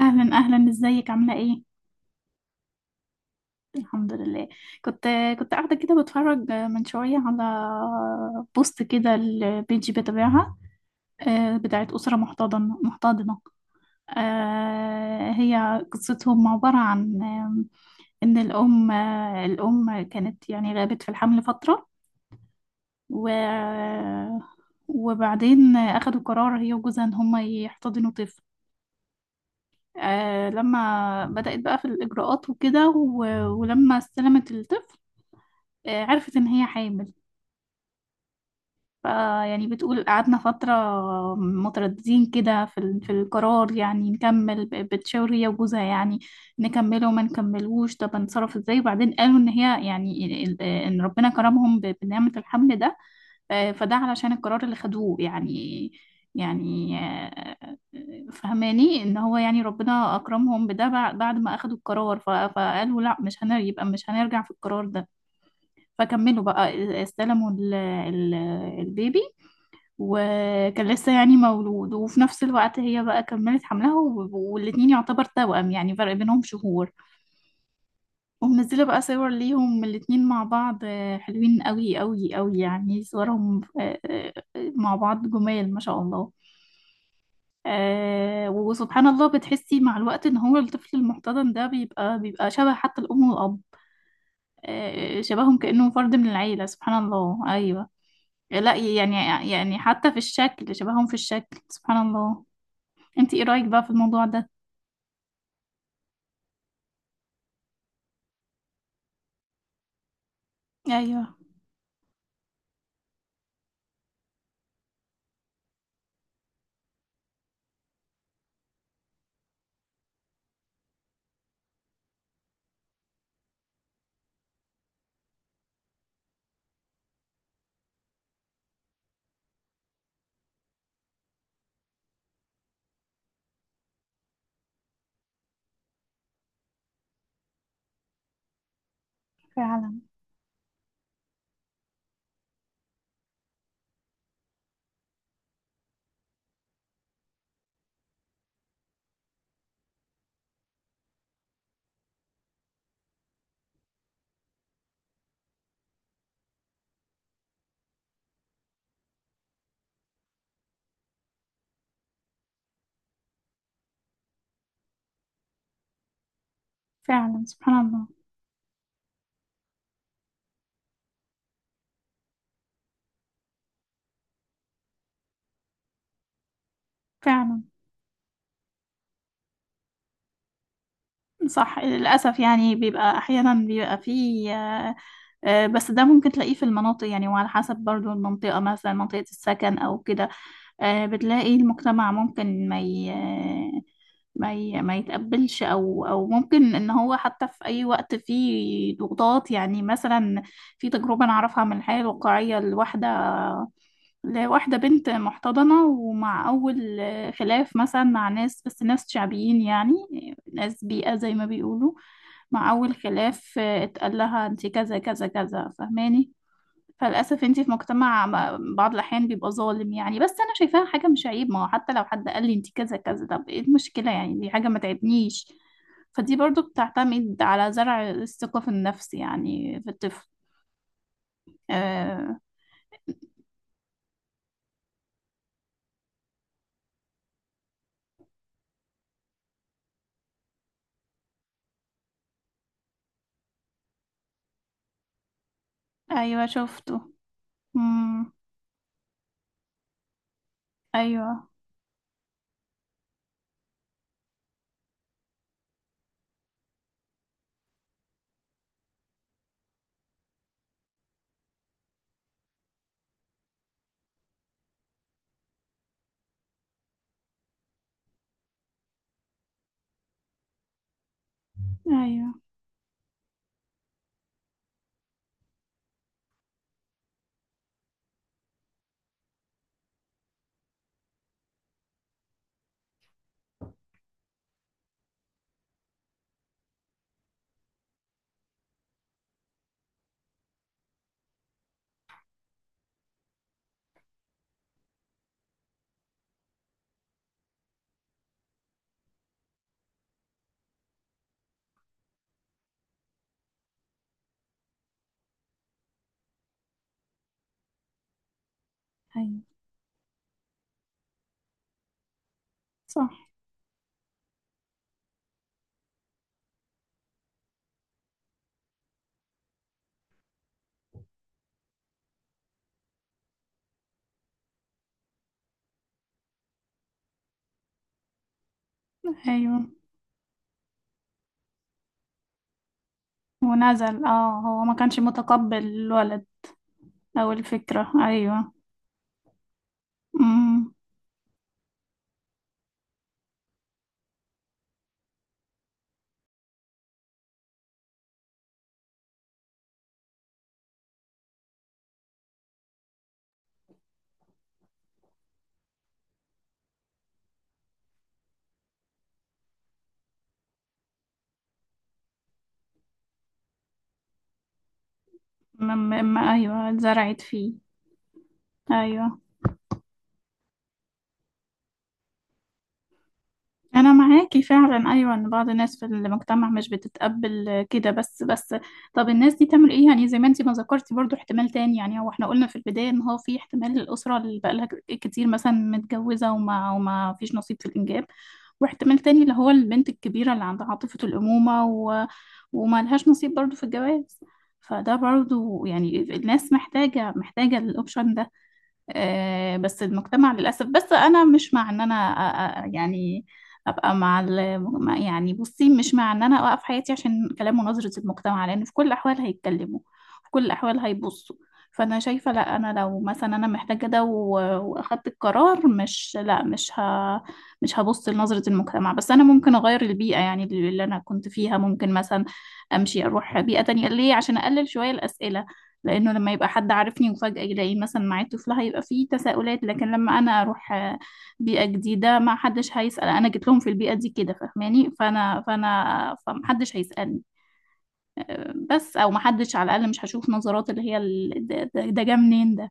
اهلا اهلا، ازيك؟ عامله ايه؟ الحمد لله. كنت كنت قاعده كده بتفرج من شويه على بوست كده، البيج بتابعها. بتاعت اسره محتضنه محتضنه. هي قصتهم عباره عن ان الام الام كانت يعني غابت في الحمل فتره. و وبعدين اخدوا قرار هي وجوزها ان هما يحتضنوا طفل. آه، لما بدأت بقى في الإجراءات وكده ولما استلمت الطفل، عرفت ان هي حامل. فيعني بتقول قعدنا فترة مترددين كده في القرار، يعني نكمل بتشاور هي وجوزها، يعني نكمله ما نكملوش، طب هنتصرف ازاي. وبعدين قالوا ان هي يعني ان ربنا كرمهم بنعمة الحمل ده. آه، فده علشان القرار اللي خدوه يعني. يعني آه، فهماني ان هو يعني ربنا اكرمهم بده بعد ما اخدوا القرار، فقالوا لا، مش هنر يبقى مش هنرجع في القرار ده. فكملوا بقى، استلموا البيبي. وكان لسه يعني مولود، وفي نفس الوقت هي بقى كملت حملها، والاتنين يعتبر توأم، يعني فرق بينهم شهور. ومنزلة بقى صور ليهم الاتنين مع بعض. حلوين قوي قوي قوي يعني صورهم مع بعض، جمال ما شاء الله. آه وسبحان الله، بتحسي مع الوقت ان هو الطفل المحتضن ده بيبقى شبه حتى الام والاب. آه، شبههم كأنه فرد من العيلة، سبحان الله، ايوه. لا يعني، يعني حتى في الشكل شبههم في الشكل، سبحان الله. انت ايه رأيك بقى في الموضوع ده؟ ايوه، فعلا. فعلا سبحان الله. فعلا صح، للأسف يعني بيبقى أحيانا بيبقى فيه بس ده ممكن تلاقيه في المناطق، يعني وعلى حسب برضو المنطقة، مثلا منطقة السكن أو كده. بتلاقي المجتمع ممكن ما يتقبلش، او ممكن ان هو حتى في اي وقت فيه ضغوطات، يعني مثلا في تجربه انا اعرفها من الحياه الواقعيه لواحده بنت محتضنه، ومع اول خلاف مثلا مع ناس، بس ناس شعبيين يعني، ناس بيئه زي ما بيقولوا، مع اول خلاف اتقال لها انت كذا كذا كذا، فاهماني. فللأسف انتي في مجتمع بعض الأحيان بيبقى ظالم يعني، بس أنا شايفاها حاجة مش عيب. ما هو حتى لو حد قال لي انتي كذا كذا، طب ايه المشكلة يعني؟ دي حاجة ما تعبنيش. فدي برضو بتعتمد على زرع الثقة في النفس، يعني في الطفل. آه. أيوة شفته. مم. أيوة. أيوة. أيوة. صح. أيوة، ونزل. اه، هو ما كانش متقبل الولد أو الفكرة. أيوة. مم. م- أيوة، اتزرعت فيه. أيوة. أنا معاكي فعلا، أيوة، إن بعض الناس في المجتمع مش بتتقبل كده، بس. طب الناس دي تعمل إيه؟ يعني زي ما أنتي ما ذكرتي برضو احتمال تاني، يعني هو إحنا قلنا في البداية إن هو في احتمال الأسرة اللي بقالها كتير مثلا متجوزة وما فيش نصيب في الإنجاب، واحتمال تاني اللي هو البنت الكبيرة اللي عندها عاطفة الأمومة وما لهاش نصيب برضو في الجواز. فده برضو يعني الناس محتاجة الأوبشن ده. آه، بس المجتمع للأسف، بس أنا مش مع إن أنا يعني أبقى مع يعني بصي، مش مع إن أنا أوقف حياتي عشان كلام ونظرة المجتمع، لأن في كل الأحوال هيتكلموا، في كل الأحوال هيبصوا. فأنا شايفة لأ، أنا لو مثلا أنا محتاجة ده وأخدت القرار، مش لأ مش ه مش هبص لنظرة المجتمع. بس أنا ممكن أغير البيئة، يعني اللي أنا كنت فيها، ممكن مثلا أمشي أروح بيئة تانية. ليه؟ عشان أقلل شوية الأسئلة، لانه لما يبقى حد عارفني وفجأة يلاقي مثلا معاه طفل هيبقى فيه تساؤلات. لكن لما انا اروح بيئة جديدة، ما حدش هيسأل. انا جيت لهم في البيئة دي كده، فاهماني. فانا فانا فمحدش هيسألني بس، او محدش على الاقل. مش هشوف نظرات اللي هي ده جه منين ده.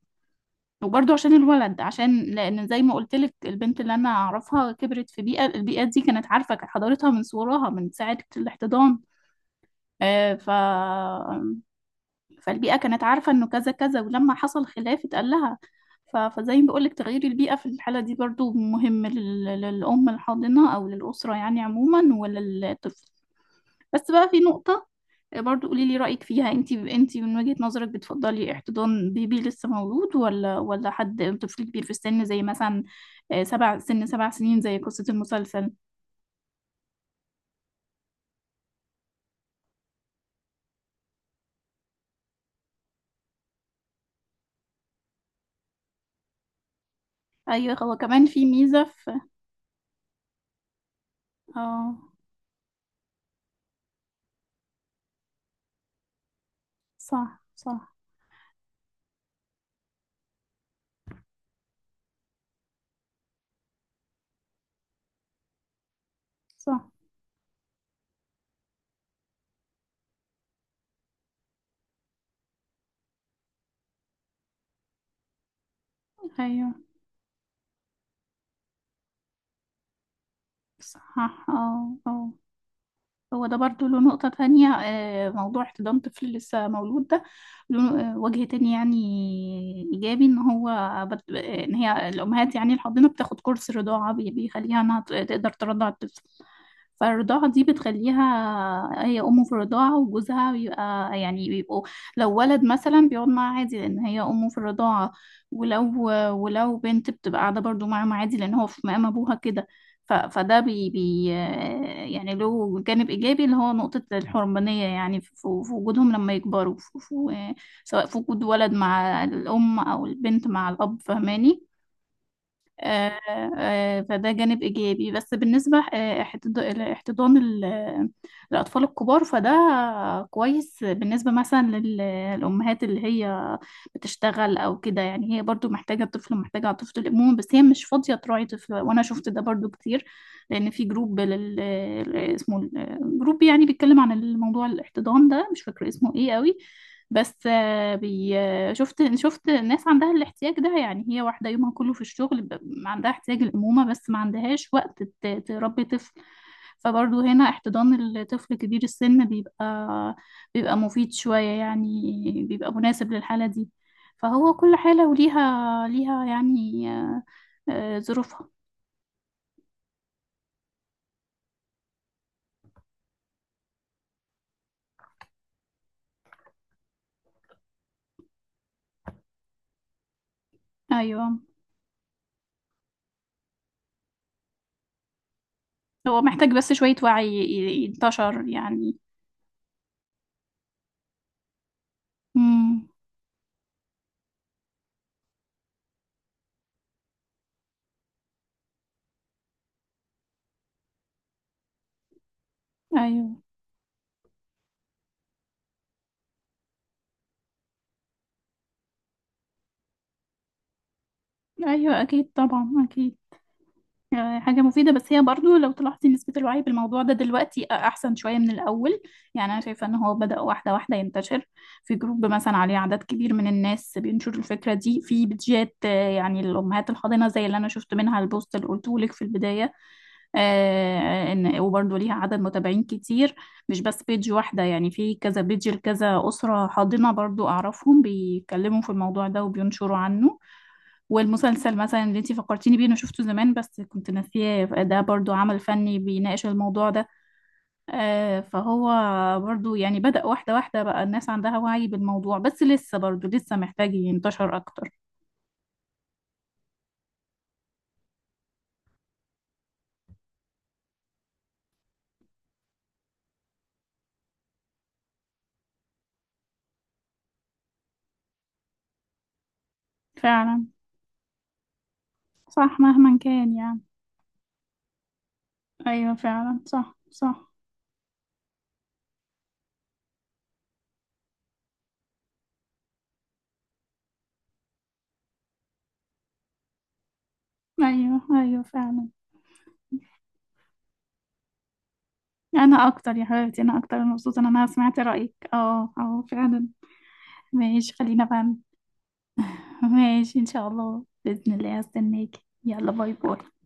وبرضه عشان الولد، عشان لان زي ما قلت لك البنت اللي انا اعرفها كبرت في بيئه، البيئه دي كانت عارفه حضارتها من صغرها من ساعه الاحتضان. آه، ف فالبيئة كانت عارفة انه كذا كذا، ولما حصل خلاف اتقال لها. فزي ما بقولك، تغيير البيئة في الحالة دي برضو مهم للأم الحاضنة أو للأسرة يعني عموما وللطفل. بس بقى في نقطة برضو قولي لي رأيك فيها انتي. انتي من وجهة نظرك بتفضلي احتضان بيبي لسه مولود، ولا حد طفل كبير في السن، زي مثلا 7 سنين زي قصة المسلسل؟ ايوه، هو كمان في ميزة في. اه صح، صح صح. ايوه صح. اه اه، هو ده برضو له نقطة تانية. موضوع احتضان طفل لسه مولود ده له وجه تاني يعني إيجابي، إن هو إن هي الأمهات يعني الحاضنة بتاخد كورس رضاعة بيخليها إنها تقدر ترضع الطفل. فالرضاعة دي بتخليها هي أمه في الرضاعة، وجوزها بيبقى يعني بيبقوا، لو ولد مثلا بيقعد معاه عادي لأن هي أمه في الرضاعة. ولو ولو بنت بتبقى قاعدة برضو معاهم عادي لأن هو في مقام أبوها كده. ف- فده بي بي يعني له جانب إيجابي، اللي هو نقطة الحرمانية، يعني في وجودهم لما يكبروا، في في سواء في وجود ولد مع الأم أو البنت مع الأب، فهماني. آه، فده جانب إيجابي. بس بالنسبة الاحتضان الأطفال الكبار، فده كويس بالنسبة مثلا للأمهات اللي هي بتشتغل أو كده، يعني هي برضو محتاجة طفل، محتاجة طفل الأمومة، بس هي مش فاضية تراعي طفل. وأنا شفت ده برضو كتير، لأن في جروب اسمه جروب يعني بيتكلم عن الموضوع، الاحتضان ده، مش فاكرة اسمه إيه قوي، بس آه، بي آه، شفت ناس عندها الاحتياج ده. يعني هي واحدة يومها كله في الشغل عندها احتياج الأمومة، بس ما عندهاش وقت تربي طفل. فبرضه هنا احتضان الطفل كبير السن بيبقى مفيد شوية، يعني بيبقى مناسب للحالة دي. فهو كل حالة ليها يعني ظروفها. أيوة. هو محتاج بس شوية وعي ينتشر يعني. امم أيوة. أيوة أكيد، طبعا أكيد. حاجة مفيدة، بس هي برضو لو تلاحظي نسبة الوعي بالموضوع ده دلوقتي أحسن شوية من الأول. يعني أنا شايفة إن هو بدأ واحدة واحدة ينتشر، في جروب مثلا عليه عدد كبير من الناس بينشر الفكرة دي، في بيدجات يعني الأمهات الحاضنة زي اللي أنا شفت منها البوست اللي قلته لك في البداية. إن وبرضو ليها عدد متابعين كتير، مش بس بيدج واحدة يعني، في كذا بيدج لكذا أسرة حاضنة برضو أعرفهم بيتكلموا في الموضوع ده وبينشروا عنه. والمسلسل مثلا اللي انتي فكرتيني بيه، انا شفته زمان بس كنت ناسياه، ده برضو عمل فني بيناقش الموضوع ده. فهو برضو يعني بدأ واحدة واحدة بقى الناس عندها وعي بالموضوع، بس لسه برضو لسه محتاج ينتشر اكتر. فعلا، صح، مهما كان يعني. ايوه فعلا، صح صح. ايوه ايوه فعلا. انا اكتر يا حبيبتي، انا اكتر مبسوطة ان انا سمعت رأيك. اه اه، فعلا. ماشي، خلينا بقى. ماشي ان شاء الله، بإذن الله هستناكي. يلا، باي باي.